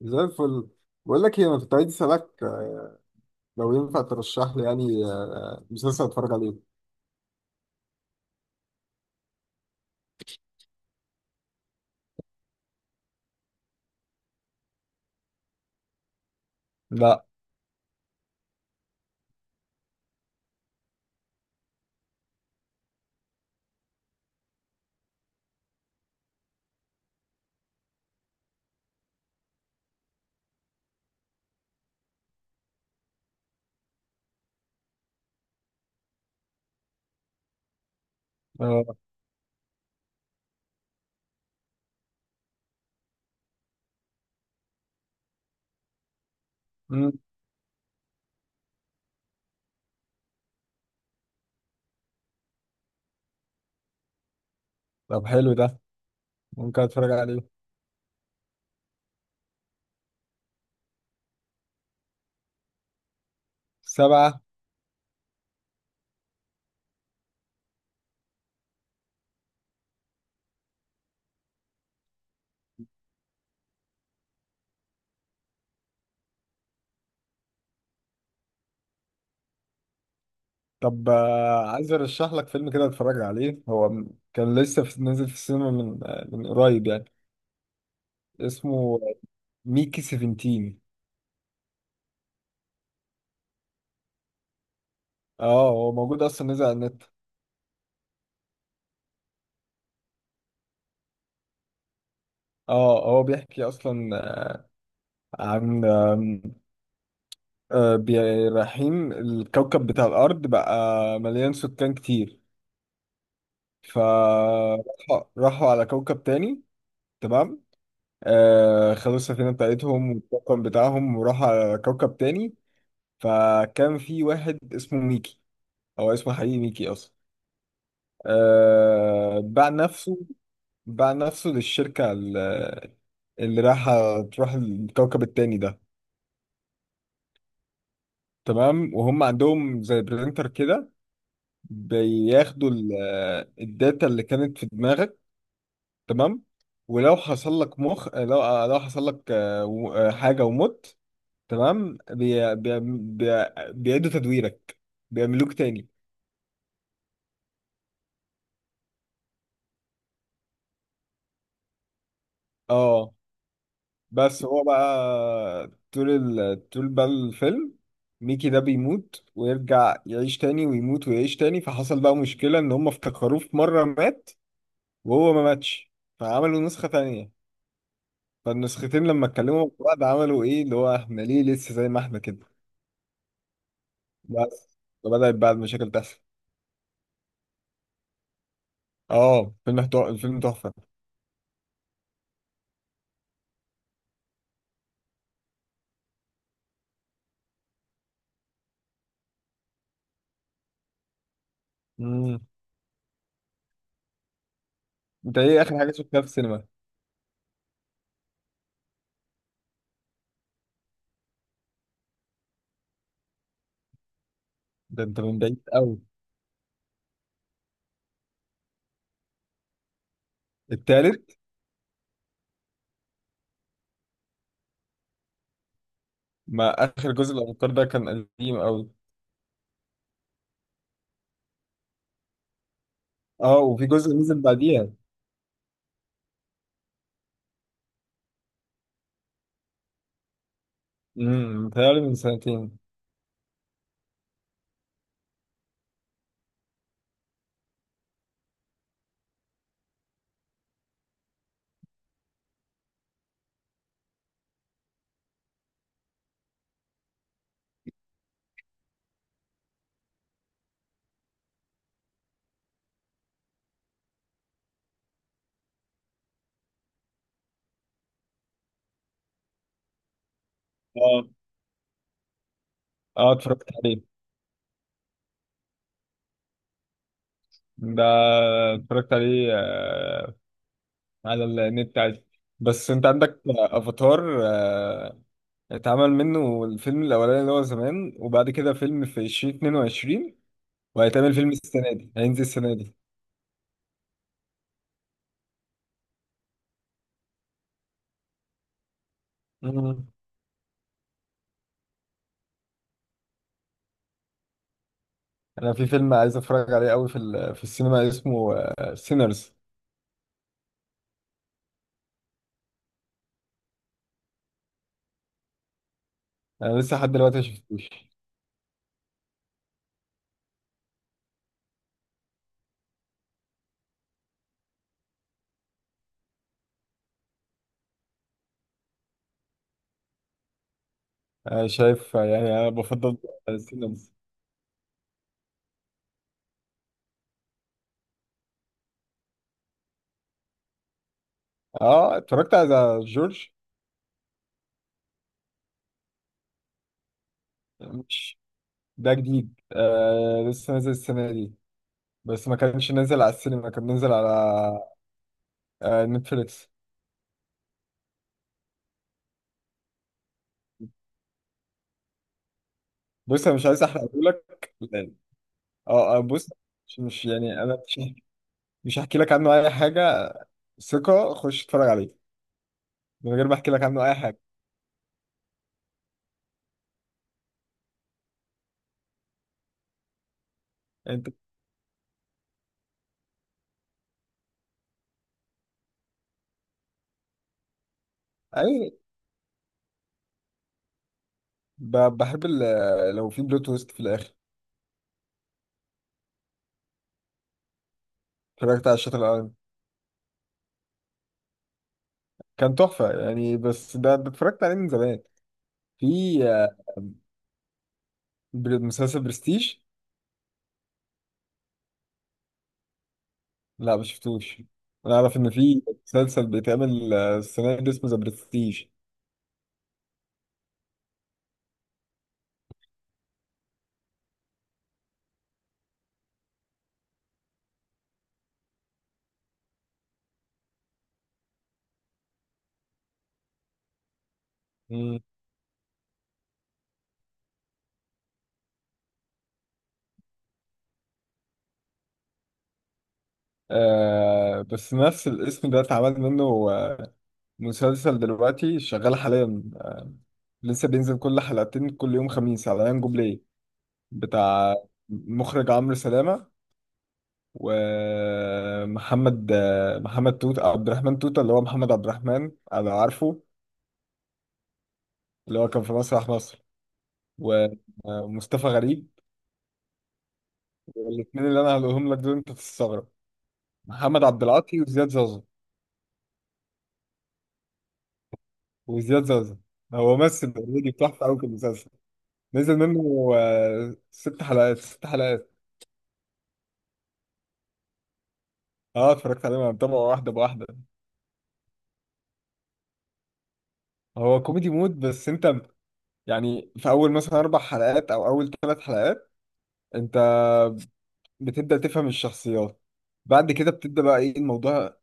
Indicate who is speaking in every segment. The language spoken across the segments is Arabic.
Speaker 1: زي الفل. بقول لك ايه، انا كنت عايز اسالك، لو ينفع ترشح لي يعني مسلسل اتفرج عليه. لا. آه. مم. طب حلو ده، ممكن اتفرج عليه. سبعة. طب، عايز ارشح لك فيلم كده اتفرج عليه، هو كان لسه في، نازل في السينما من من قريب يعني. اسمه ميكي 17. اه، هو موجود اصلا نزل على النت. اه هو بيحكي اصلا عن، رايحين الكوكب بتاع الارض بقى، مليان سكان كتير. راحوا على كوكب تاني. تمام. آه، خدوا السفينة بتاعتهم والطاقم بتاعهم وراحوا على كوكب تاني. فكان في واحد اسمه ميكي، هو اسمه حقيقي ميكي أصلا. آه باع نفسه باع نفسه للشركة اللي رايحة تروح الكوكب التاني ده. تمام، وهم عندهم زي برينتر كده، بياخدوا ال- الداتا اللي كانت في دماغك. تمام، ولو حصل لك مخ، لو حصل لك حاجة ومت. تمام. بيعيدوا تدويرك، بيعملوك تاني. اه، بس هو بقى طول، طول بقى الفيلم، ميكي ده بيموت ويرجع يعيش تاني ويموت ويعيش تاني، فحصل بقى مشكلة ان هم افتكروه في مرة مات وهو ما ماتش، فعملوا نسخة تانية. فالنسختين لما اتكلموا مع بعض عملوا ايه؟ اللي هو احنا ليه لسه زي ما احنا كده؟ بس فبدأت بقى المشاكل تحصل. اه، فيلم تحفة، الفيلم تحفة. مم. انت ايه اخر حاجة شفتها في السينما؟ ده انت من بعيد قوي. التالت. ما اخر جزء الابطال ده كان قديم قوي. اه، وفي جزء نزل بعديها. متهيألي من سنتين. اه اه اتفرجت عليه، ده اتفرجت عليه آه، على النت عادي. بس انت عندك افاتار، آه اتعمل منه الفيلم الاولاني اللي هو زمان، وبعد كده فيلم في 2022، وهيتعمل فيلم السنة دي، هينزل السنة دي. مم. انا في فيلم عايز اتفرج عليه قوي في في السينما، اسمه سينرز. انا لسه لحد دلوقتي ما شفتوش. شايف، يعني انا بفضل سينرز. اه، اتفرجت على جورج. مش ده جديد، آه لسه نازل السنه دي، بس ما كانش نازل على السينما، كان نازل على نتفليكس. بص، انا مش عايز احرقه لك. اه، بص، يعني انا مش هحكي لك عنه اي حاجه. ثقه، خش اتفرج عليه من غير ما احكي لك عنه اي حاجه. انت اي بحب لو في بلوت تويست في الاخر. اتفرجت على شاتر ايلاند، كان تحفه يعني، بس ده اتفرجت عليه من زمان. في، مسلسل برستيج. لا ما شفتوش. انا اعرف ان في مسلسل بيتعمل السنه دي اسمه ذا برستيج. مم. آه، بس نفس الاسم ده اتعمل منه مسلسل دلوقتي شغال حاليا، لسه بينزل كل حلقتين كل يوم خميس على يانجو بلاي، بتاع مخرج عمرو سلامة، ومحمد توت عبد الرحمن توتة، اللي هو محمد عبد الرحمن انا عارفه، اللي هو كان في مسرح مصر، و- ومصطفى غريب. والاثنين اللي انا هقولهم لك دول انت تستغرب، محمد عبد العاطي وزياد زازا. وزياد زازا هو ممثل اوريدي، بتحفه قوي في المسلسل. نزل منه ست حلقات، ست حلقات. اه اتفرجت عليه، انا متابعه واحده بواحده. هو كوميدي مود، بس انت يعني في اول مثلا اربع حلقات او اول ثلاث حلقات، انت بتبدأ تفهم الشخصيات، بعد كده بتبدأ بقى ايه الموضوع.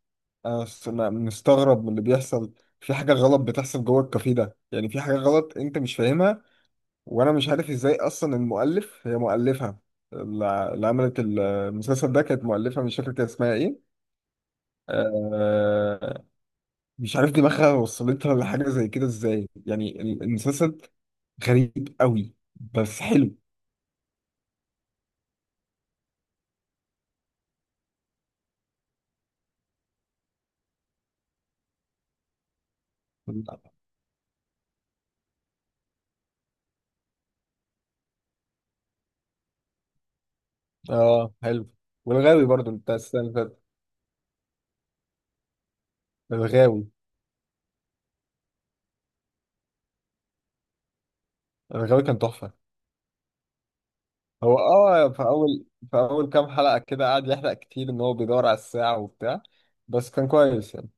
Speaker 1: أنا مستغرب من اللي بيحصل، في حاجة غلط بتحصل جوه الكافيه ده، يعني في حاجة غلط انت مش فاهمها. وانا مش عارف ازاي اصلا المؤلف، هي مؤلفها، اللي عملت المسلسل ده، كانت مؤلفة مش فاكر كان اسمها ايه. آه، مش عارف دماغها وصلتها لحاجة زي كده ازاي، يعني المسلسل غريب قوي، بس حلو. اه، حلو، والغاوي برضو انت السنة اللي فاتت، الغاوي. الغاوي كان تحفة. هو اه في أول، في أول كام حلقة كده قعد يحرق كتير، إن هو بيدور على الساعة وبتاع، بس كان كويس يعني.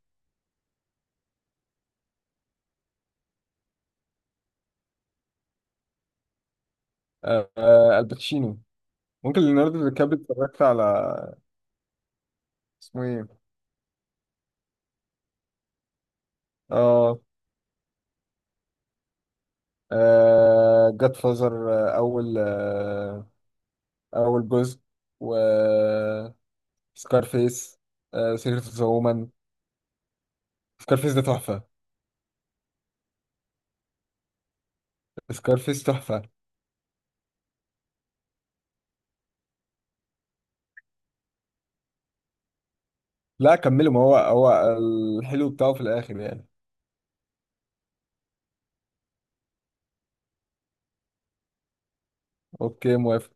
Speaker 1: الباتشينو، ممكن ليوناردو دي كابري اتفرجت على، اسمه ايه؟ اه، جاد فازر، أول، أول جزء، و سكارفيس، سيكريت اوف ذا وومن. سكارفيس ده تحفة. سكارفيس تحفة. لا كمله، ما هو هو الحلو بتاعه في الآخر يعني. اوكي، موافق.